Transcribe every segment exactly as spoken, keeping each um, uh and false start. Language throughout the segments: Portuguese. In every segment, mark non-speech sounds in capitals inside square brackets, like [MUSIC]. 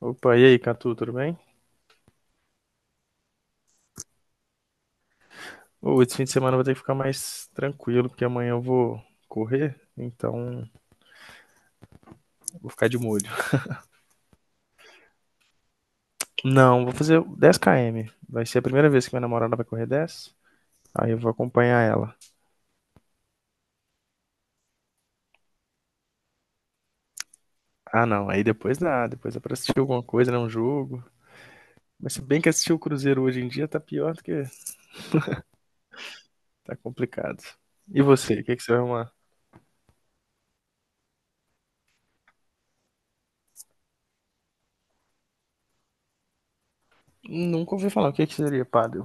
Opa, e aí, Catu, tudo bem? Ô, esse fim de semana eu vou ter que ficar mais tranquilo, porque amanhã eu vou correr, então vou ficar de molho. Não, vou fazer dez quilômetros. Vai ser a primeira vez que minha namorada vai correr dez, aí eu vou acompanhar ela. Ah, não, aí depois dá, depois dá pra assistir alguma coisa, né, um jogo. Mas se bem que assistir o Cruzeiro hoje em dia tá pior do que... tá complicado. E você, o que que você vai arrumar? Nunca ouvi falar, o que que seria pádel?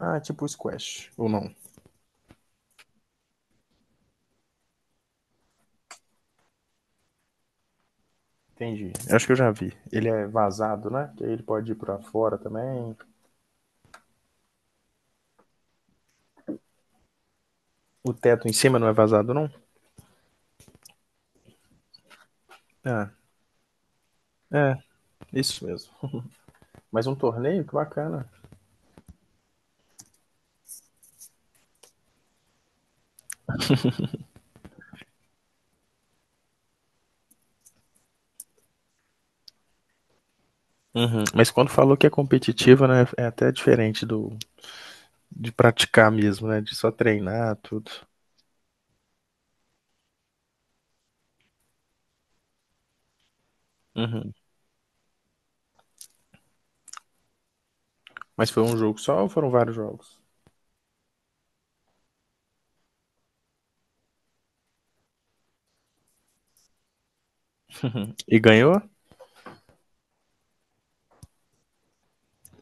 Ah, tipo squash, ou não? Entendi. Eu acho que eu já vi. Ele é vazado, né? Que aí ele pode ir pra fora também. O teto em cima não é vazado, não? Ah, é, isso mesmo. Mas um torneio, que bacana. Uhum. Mas quando falou que é competitivo, né? É até diferente do de praticar mesmo, né? De só treinar, tudo. Uhum. Mas foi um jogo só ou foram vários jogos? E ganhou?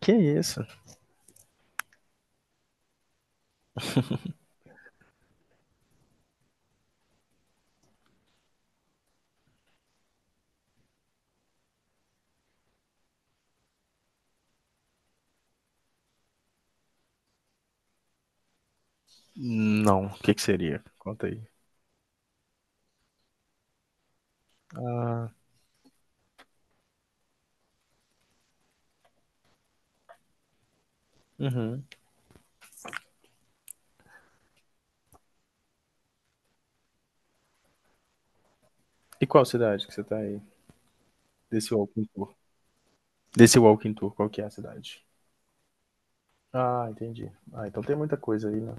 Que isso? Não, o que que seria? Conta aí. Uhum. E qual cidade que você tá aí? Desse Walking Tour. Desse Walking Tour, qual que é a cidade? Ah, entendi. Ah, então tem muita coisa aí, né?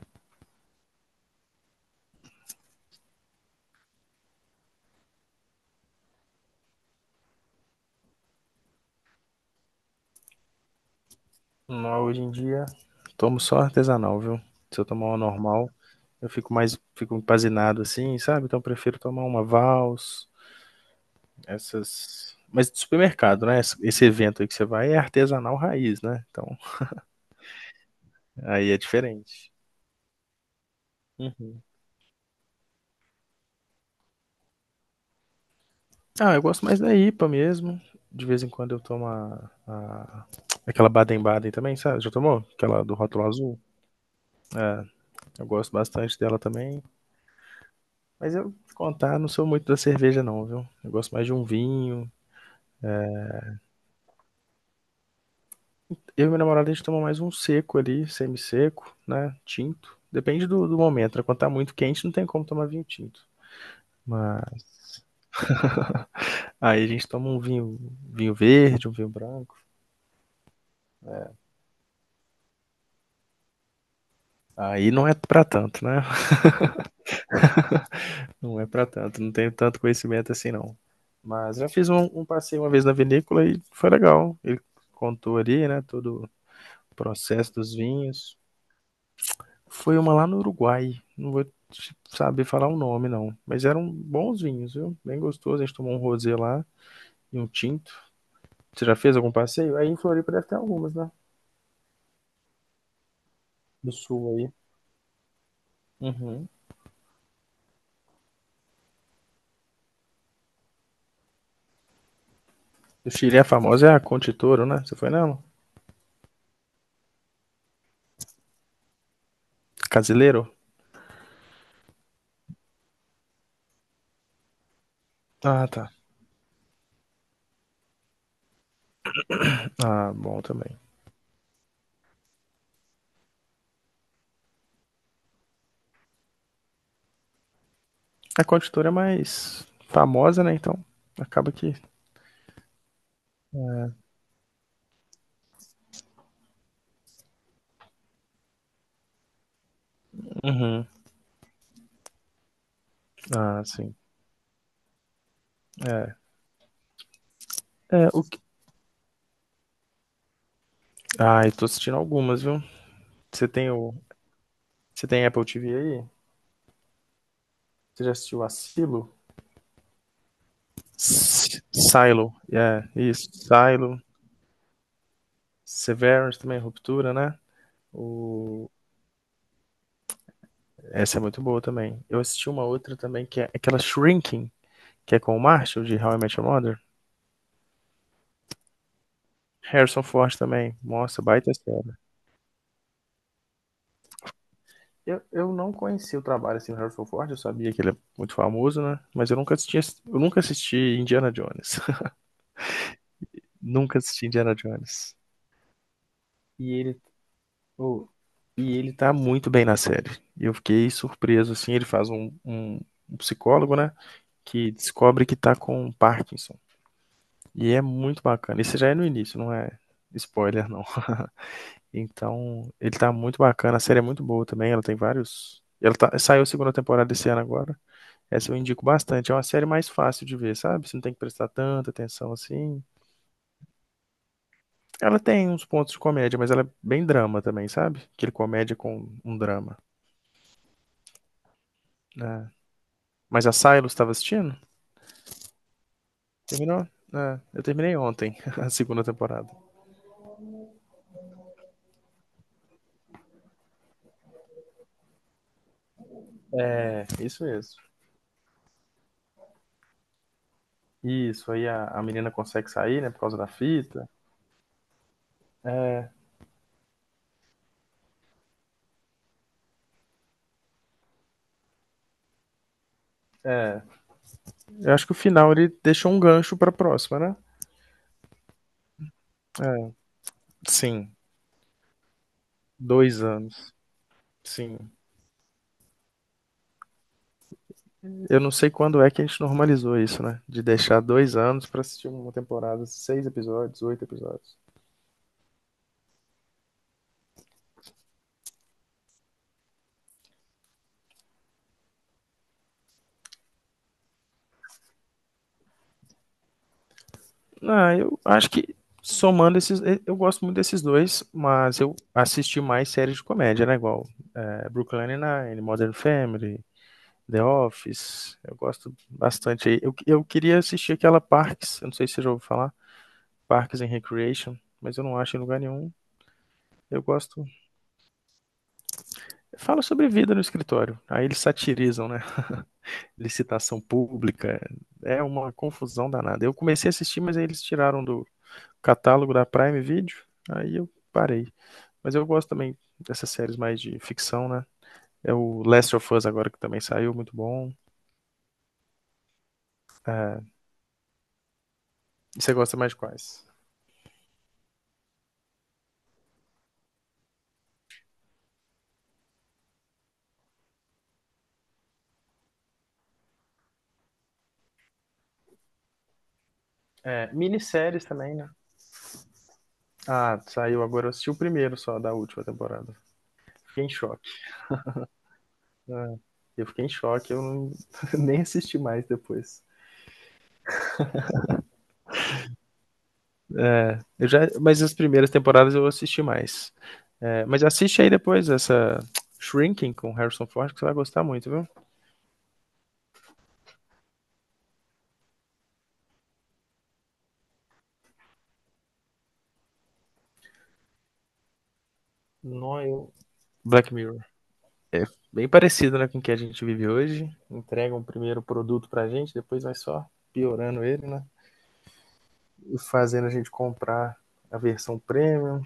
Mas hoje em dia, tomo só artesanal, viu? Se eu tomar uma normal, eu fico mais, fico empazinado assim, sabe? Então eu prefiro tomar uma Vals, essas. Mas de supermercado, né? Esse esse evento aí que você vai é artesanal raiz, né? Então aí é diferente. Uhum. Ah, eu gosto mais da I P A mesmo. De vez em quando eu tomo a, a- aquela Baden-Baden também, sabe? Já tomou? Aquela do rótulo azul. Eu gosto bastante dela também. Mas eu te contar, não sou muito da cerveja, não, viu? Eu gosto mais de um vinho. Eu e minha namorada, a gente toma mais um seco ali, semi-seco, né? Tinto. Depende do, do momento, né? Quando tá muito quente, não tem como tomar vinho tinto. Mas [LAUGHS] aí a gente toma um vinho, vinho verde, um vinho branco. Aí não é pra tanto, né? [LAUGHS] Não é pra tanto, não tenho tanto conhecimento assim, não. Mas já fiz um, um passeio uma vez na vinícola e foi legal. Ele contou ali, né, todo o processo dos vinhos. Foi uma lá no Uruguai. Não vou te saber falar o nome, não. Mas eram bons vinhos, viu? Bem gostoso. A gente tomou um rosé lá e um tinto. Você já fez algum passeio? Aí em Floripa deve ter algumas, né? Do sul aí. Uhum. O Chile é famosa é a Conte Toro, né? Você foi nela? Casileiro? Ah, tá. Ah, bom também. A Conte Toro é mais famosa, né? Então acaba que. Uhum. Ah, sim. É. É, o que... Ah, eu tô assistindo algumas, viu? Você tem o. Você tem Apple T V aí? Você já assistiu Asilo? S- Silo, é, isso. Silo, Severance também, Ruptura, né? O... Essa é muito boa também. Eu assisti uma outra também, que é aquela Shrinking, que é com o Marshall, de How I Met Your Mother. Harrison Ford também. Nossa, baita série. Eu, eu não conheci o trabalho assim, do Harrison Ford, eu sabia que ele é muito famoso, né? Mas eu nunca assisti, eu nunca assisti Indiana Jones. [LAUGHS] Nunca assisti Indiana Jones. E ele, oh, e ele tá muito bem na série. E eu fiquei surpreso, assim, ele faz um, um- um psicólogo, né, que descobre que tá com Parkinson. E é muito bacana. Isso já é no início, não é spoiler, não. [LAUGHS] Então, ele tá muito bacana. A série é muito boa também, ela tem vários... Ela tá- saiu a segunda temporada esse ano agora. Essa eu indico bastante. É uma série mais fácil de ver, sabe? Você não tem que prestar tanta atenção assim. Ela tem uns pontos de comédia, mas ela é bem drama também, sabe? Aquele comédia com um drama. Né? Mas a Silos estava assistindo? Terminou? É, eu terminei ontem [LAUGHS] a segunda temporada. É, isso mesmo. Isso, aí a, a menina consegue sair, né, por causa da fita. É, é. Eu acho que o final ele deixou um gancho pra próxima, né? É, sim. Dois anos. Sim. Eu não sei quando é que a gente normalizou isso, né? De deixar dois anos pra assistir uma temporada, seis episódios, oito episódios. Ah, eu acho que somando esses. Eu, gosto muito desses dois, mas eu assisti mais séries de comédia, né? Igual é, Brooklyn Nine-Nine, Modern Family, The Office, eu gosto bastante aí. Eu, eu queria assistir aquela Parks, eu não sei se você já ouviu falar, Parks and Recreation, mas eu não acho em lugar nenhum. Eu gosto. Fala sobre vida no escritório. Aí eles satirizam, né? [LAUGHS] Licitação pública. É uma confusão danada. Eu comecei a assistir, mas aí eles tiraram do catálogo da Prime Video. Aí eu parei. Mas eu gosto também dessas séries mais de ficção, né? É o Last of Us agora que também saiu, muito bom. E você gosta mais de quais? É, minisséries também, né? Ah, saiu agora. Eu assisti o primeiro só da última temporada. Fiquei em choque. Ah, eu fiquei em choque. Eu não... [LAUGHS] nem assisti mais depois. Eu já... Mas as primeiras temporadas eu assisti mais. É, mas assiste aí depois essa Shrinking com Harrison Ford, que você vai gostar muito, viu? Não, eu... Black Mirror. É bem parecido né, com o que a gente vive hoje. Entrega um primeiro produto pra gente, depois vai só piorando ele, né? E fazendo a gente comprar a versão premium,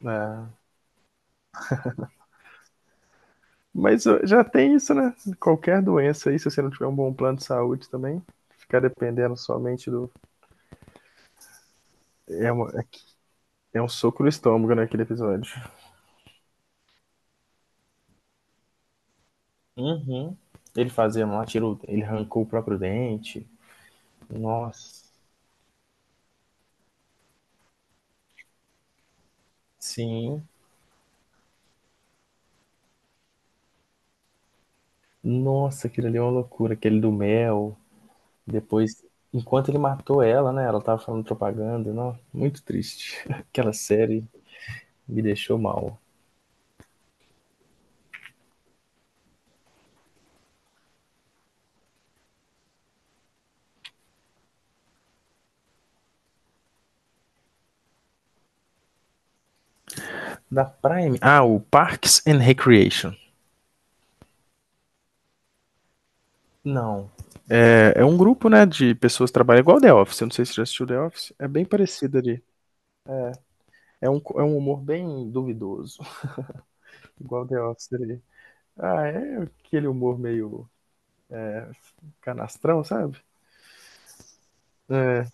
né? Mas ó, já tem isso, né? Qualquer doença aí, se você não tiver um bom plano de saúde também, ficar dependendo somente do. É, uma- É um soco no estômago naquele episódio. Uhum. Ele fazendo lá, tirou, ele arrancou o próprio dente. Nossa, sim. Nossa, aquilo ali é uma loucura, aquele do mel. Depois, enquanto ele matou ela, né? Ela tava falando propaganda. Não, muito triste. [LAUGHS] Aquela série me deixou mal. Da Prime. Ah, o Parks and Recreation. Não, é um grupo, né, de pessoas que trabalham igual The Office. Eu não sei se você já assistiu The Office. É bem parecido ali. É um, é um humor bem duvidoso. [LAUGHS] Igual The Office ali. Ah, é aquele humor meio canastrão, sabe? É,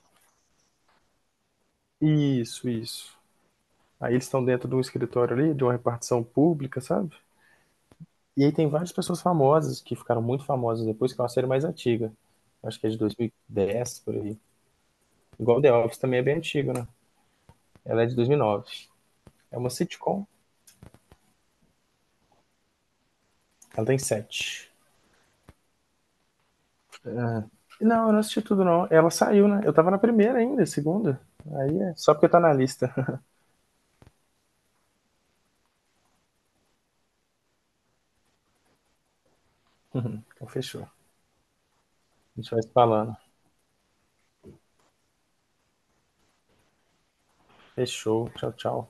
isso, isso. Aí eles estão dentro de um escritório ali, de uma repartição pública, sabe? E aí tem várias pessoas famosas que ficaram muito famosas depois, que é uma série mais antiga. Acho que é de dois mil e dez, por aí. Igual The Office também é bem antiga, né? Ela é de dois mil e nove. É uma sitcom, ela tem sete. É. Não, eu não assisti tudo, não. Ela saiu, né? Eu tava na primeira ainda, segunda. Aí é só porque tá na lista. [LAUGHS] Então fechou. A gente vai se falando. Fechou. Tchau, tchau.